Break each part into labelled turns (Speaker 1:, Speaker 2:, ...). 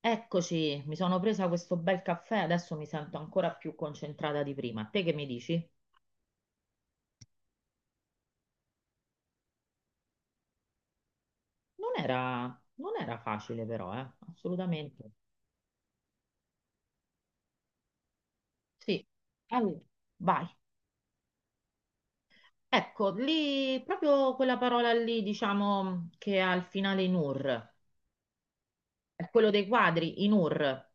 Speaker 1: Eccoci, mi sono presa questo bel caffè, adesso mi sento ancora più concentrata di prima. Te che mi dici? Non era, non era facile però, eh? Assolutamente. Sì, allora, vai. Ecco, lì, proprio quella parola lì, diciamo, che ha il finale in ur, è quello dei quadri, in ur.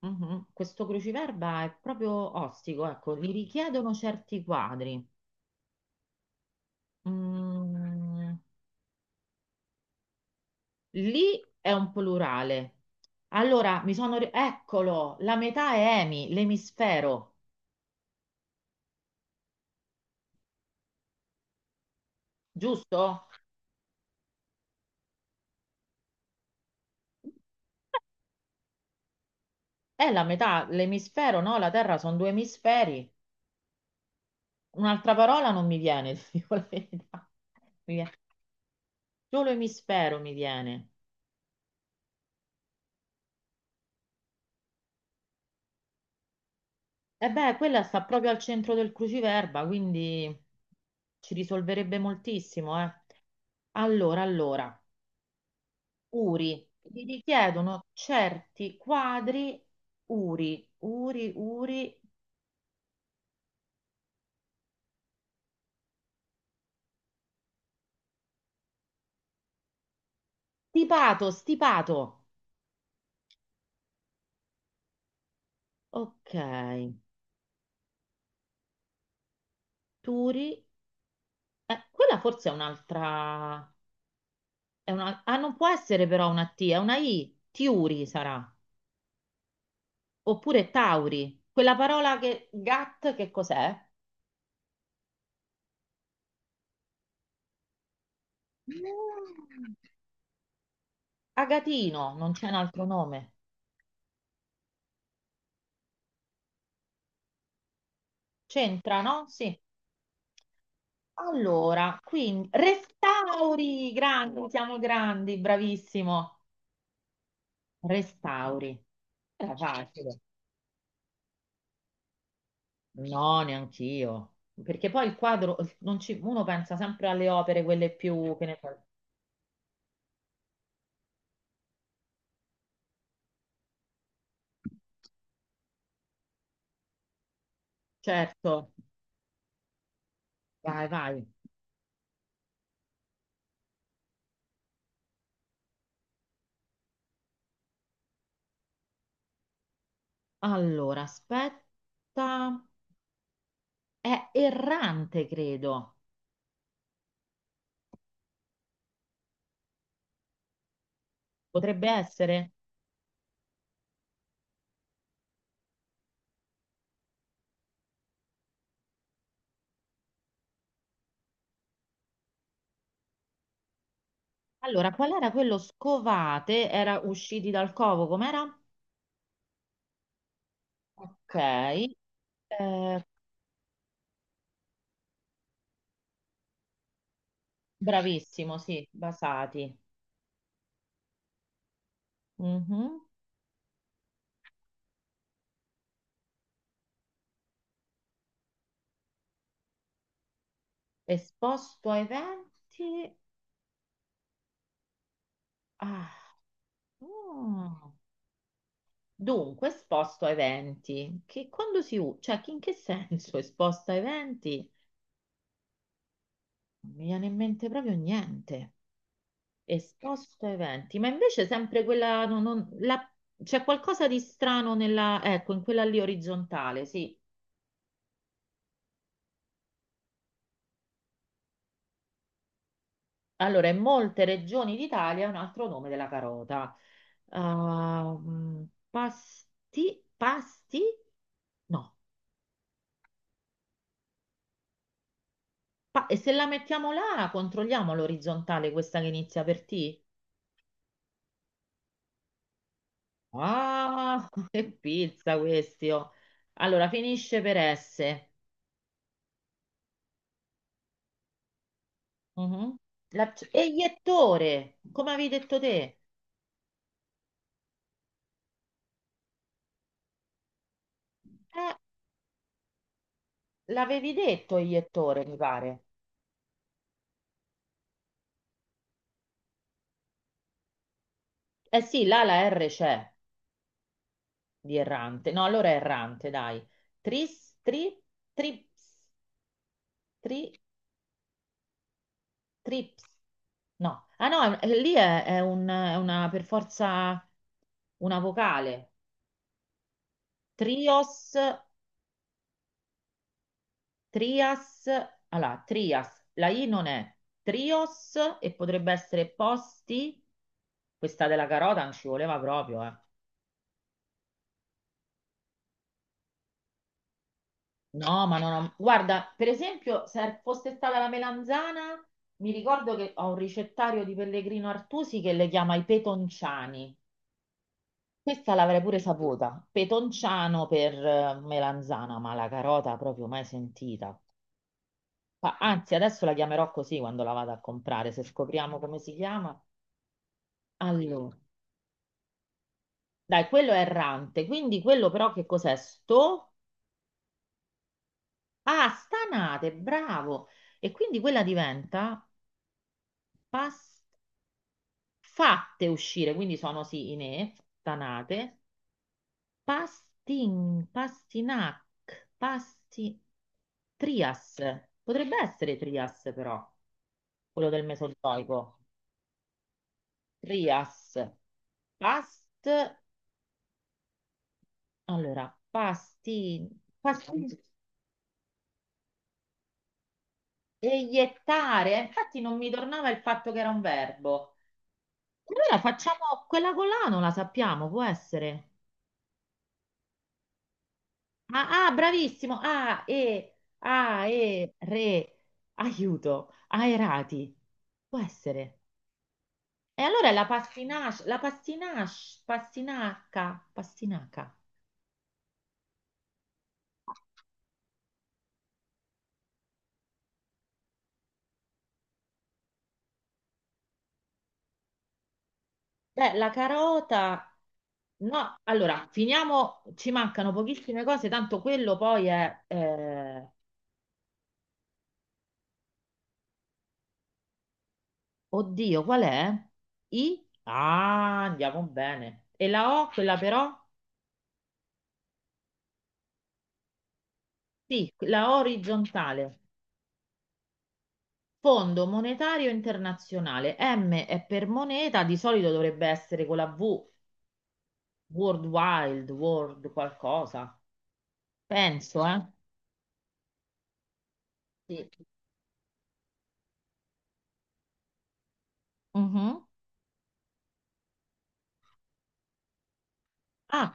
Speaker 1: Mhm. Questo cruciverba è proprio ostico, ecco, li richiedono certi quadri. Mm. Lì è un plurale. Allora, mi sono... Eccolo, la metà è emi, l'emisfero, giusto? È la metà, l'emisfero, no? La Terra sono due emisferi. Un'altra parola non mi viene, ti dico la verità. Mi viene- Solo emisfero mi viene. E beh, quella sta proprio al centro del cruciverba, quindi ci risolverebbe moltissimo, eh. Allora, Uri, gli richiedono certi quadri. Uri, Uri, Uri. Stipato, stipato. Ok. Turi. Quella forse è un'altra. Ah, non può essere però una T, è una I. Tiuri sarà. Oppure Tauri. Quella parola che. Gat, che cos'è? Mm. Agatino, non c'è un altro nome. C'entra, no? Sì. Allora, quindi restauri, grandi, siamo grandi, bravissimo. Restauri. Era facile. No, neanch'io. Perché poi il quadro, non ci- uno pensa sempre alle opere, quelle più, che ne so. Certo, vai. Allora, aspetta. È errante, credo. Potrebbe essere. Allora, qual era quello scovate? Era usciti dal covo, com'era? Ok. Eh, bravissimo, sì, basati. Mhm. Esposto a eventi. Ah. Mm. Dunque, esposto a eventi, che quando si usa, cioè che in che senso esposto a eventi? Non mi viene in mente proprio niente. Esposto a eventi, ma invece sempre quella, c'è qualcosa di strano nella, ecco, in quella lì orizzontale, sì. Allora, in molte regioni d'Italia è un altro nome della carota. Ah, mm, pasti? No. E se la mettiamo là, controlliamo l'orizzontale, questa che inizia per T? Ah, che pizza questi, oh. Allora, finisce per S. Mhm. E iettore, come avevi detto te? Eh, l'avevi detto iettore, mi pare. Eh sì, là la R c'è di errante. No, allora è errante, dai. Tris, tri, trips, tri, trips. No, ah no, è- lì è un- è una per forza una vocale. Trios. Trias, allora, Trias, la I non è Trios e potrebbe essere Posti, questa della carota non ci voleva proprio, eh. No, ma non ho... Guarda, per esempio, se fosse stata la melanzana, mi ricordo che ho un ricettario di Pellegrino Artusi che le chiama i petonciani. Questa l'avrei pure saputa, petonciano per melanzana, ma la carota proprio mai sentita. Anzi, adesso la chiamerò così quando la vado a comprare, se scopriamo come si chiama. Allora. Dai, quello è errante, quindi quello però che cos'è? Sto? Ah, stanate, bravo! E quindi quella diventa pas- fatte uscire, quindi sono sì, inè, stanate, pastin, pastinac, pasti, trias, potrebbe essere trias però, quello del Mesozoico, trias, past, allora, pasti. Eiettare, infatti non mi tornava il fatto che era un verbo. Allora facciamo quella con la, non la sappiamo, può essere. Ah, ah, bravissimo, A, E, A, E, re, aiuto, aerati, può essere. E allora è la pastinace, pastinaca, pastinaca. Beh, la carota, no, allora, finiamo, ci mancano pochissime cose, tanto quello poi è... oddio, qual è? I? Ah, andiamo bene. E la O, quella però? Sì, la O orizzontale. Fondo monetario internazionale. M è per moneta, di solito dovrebbe essere con la V, World Wild, World qualcosa. Penso, eh? Sì. Mhm. Ah,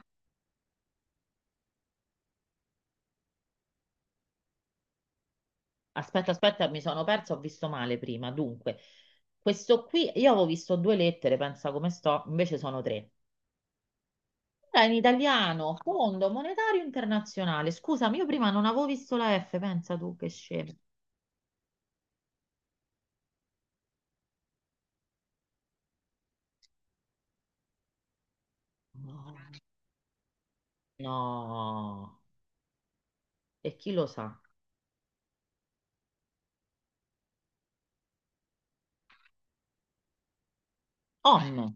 Speaker 1: aspetta, mi sono perso, ho visto male prima. Dunque, questo qui, io avevo visto due lettere, pensa come sto, invece sono tre. Era in italiano, Fondo Monetario Internazionale. Scusami, io prima non avevo visto la F, pensa tu che scemo. No, No. E chi lo sa? ONU,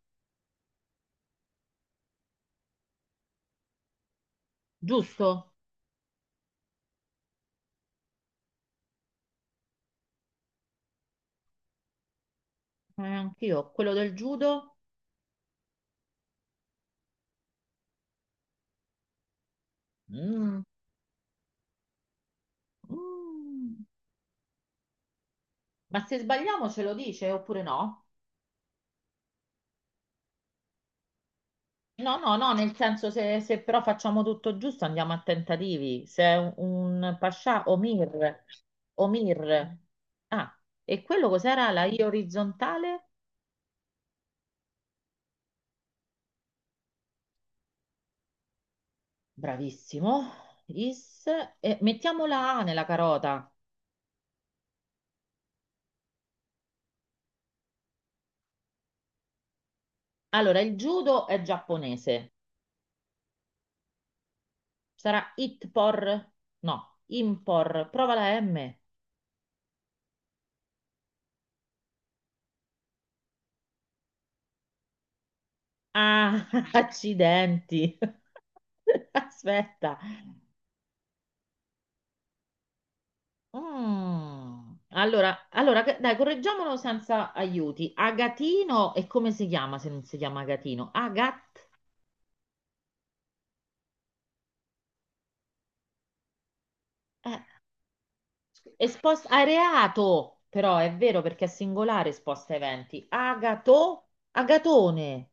Speaker 1: giusto? Anch'io, quello del judo? Mm, mm. Ma se sbagliamo ce lo dice oppure no? No, no, no, nel senso se però facciamo tutto giusto andiamo a tentativi. Se è un pascià, Omir, Omir. Ah, e quello cos'era la I orizzontale? Bravissimo. Is. E mettiamo la A nella carota. Allora, il judo è giapponese. Sarà itpor? No, impor. Prova la M. Ah, accidenti. Aspetta. Mm. Allora, dai, correggiamolo senza aiuti. Agatino, e come si chiama se non si chiama Agatino? Agat. Esposta areato, però è vero perché è singolare esposta a eventi. Agato, agatone.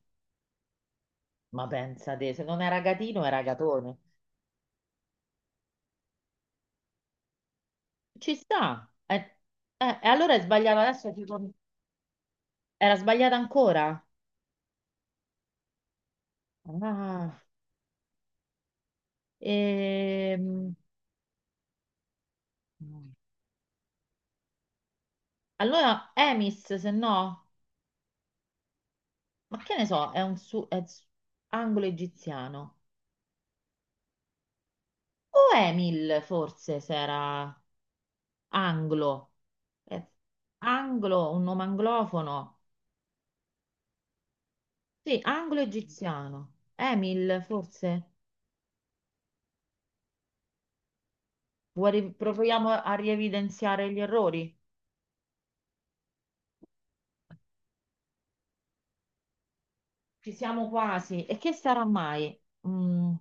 Speaker 1: Ma pensate, se non era gatino era agatone. Ci sta. E allora è sbagliato adesso. Era sbagliata ancora? Ah, ehm, allora, Emis, se no, ma che ne so, è un su... è su- anglo egiziano. O Emil, forse, se era... Anglo. Eh, anglo, un nome anglofono. Sì, anglo-egiziano. Emil, forse? Vuoi, proviamo a rievidenziare gli errori? Ci siamo quasi. E che sarà mai? Mm,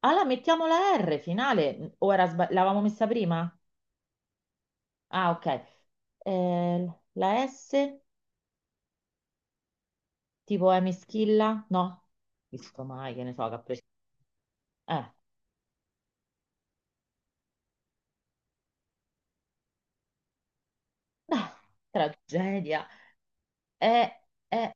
Speaker 1: allora, mettiamo la R finale. O era l'avevamo messa prima? Ah, ok. Eh, la S, tipo è meschilla? No? Visto mai, che ne so, che ha preso... Eh, ah, tragedia. Eh, eh,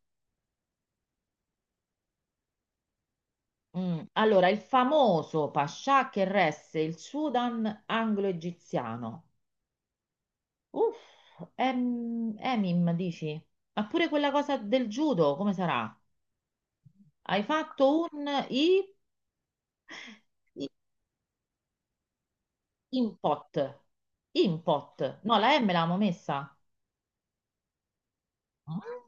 Speaker 1: Mm, allora, il famoso pascià che resse il Sudan anglo-egiziano. Uff, Emim, dici? Ma pure quella cosa del judo, come sarà? Hai fatto un i, i- impot. Impot. No, la M l'avevamo messa. Ah.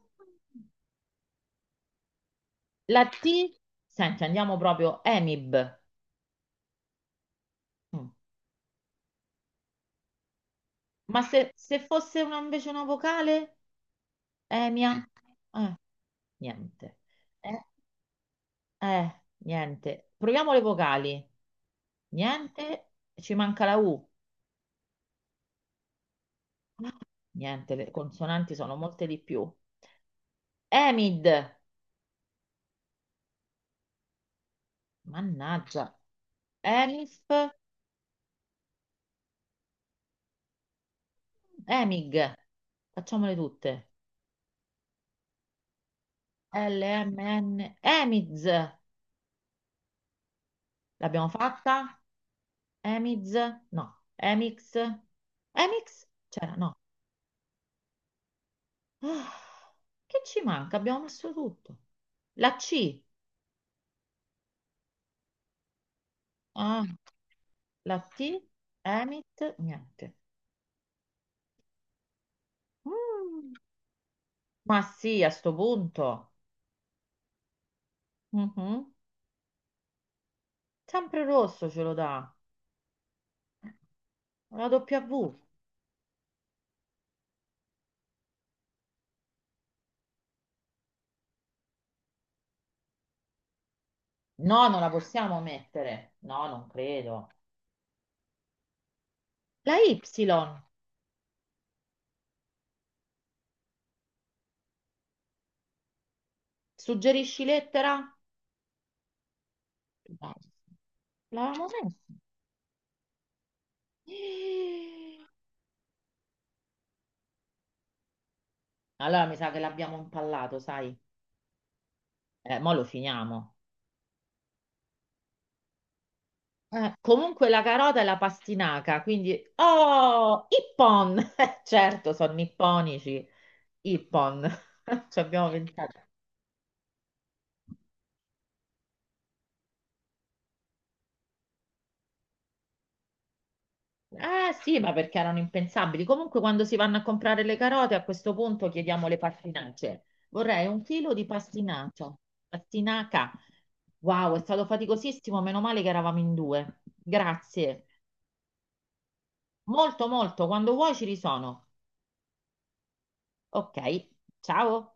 Speaker 1: La T, senti, andiamo proprio Emib. Mm. Ma se fosse invece una vocale? Emia? Eh, niente. Eh, Eh, niente. Proviamo le vocali. Niente, ci manca la U. Niente, le consonanti sono molte di più. Emid. Mannaggia. Emif. Emig. Facciamole tutte. LMN. Emiz. L'abbiamo fatta? Emiz? No. Emix? Emix? C'era, no. Ah, che ci manca? Abbiamo messo tutto. La C. Ah, la T. Emit. Niente. Mm, ma sì, a sto punto. Mhm. Sempre rosso ce lo dà. La W. No, non la possiamo mettere. No, non credo. La Y. Suggerisci lettera? No, l'avevamo messa. Eh, Allora mi sa che l'abbiamo impallato, sai? Mo lo finiamo. Comunque la carota è la pastinaca, quindi... Oh, Ippon! Certo, sono nipponici. Ippon. Ci abbiamo pensato. Eh sì, ma perché erano impensabili. Comunque, quando si vanno a comprare le carote, a questo punto chiediamo le pastinacce. Vorrei un chilo di pastinacia. Pastinaca. Wow, è stato faticosissimo. Meno male che eravamo in due. Grazie. Molto, molto. Quando vuoi ci risono. Ok, ciao.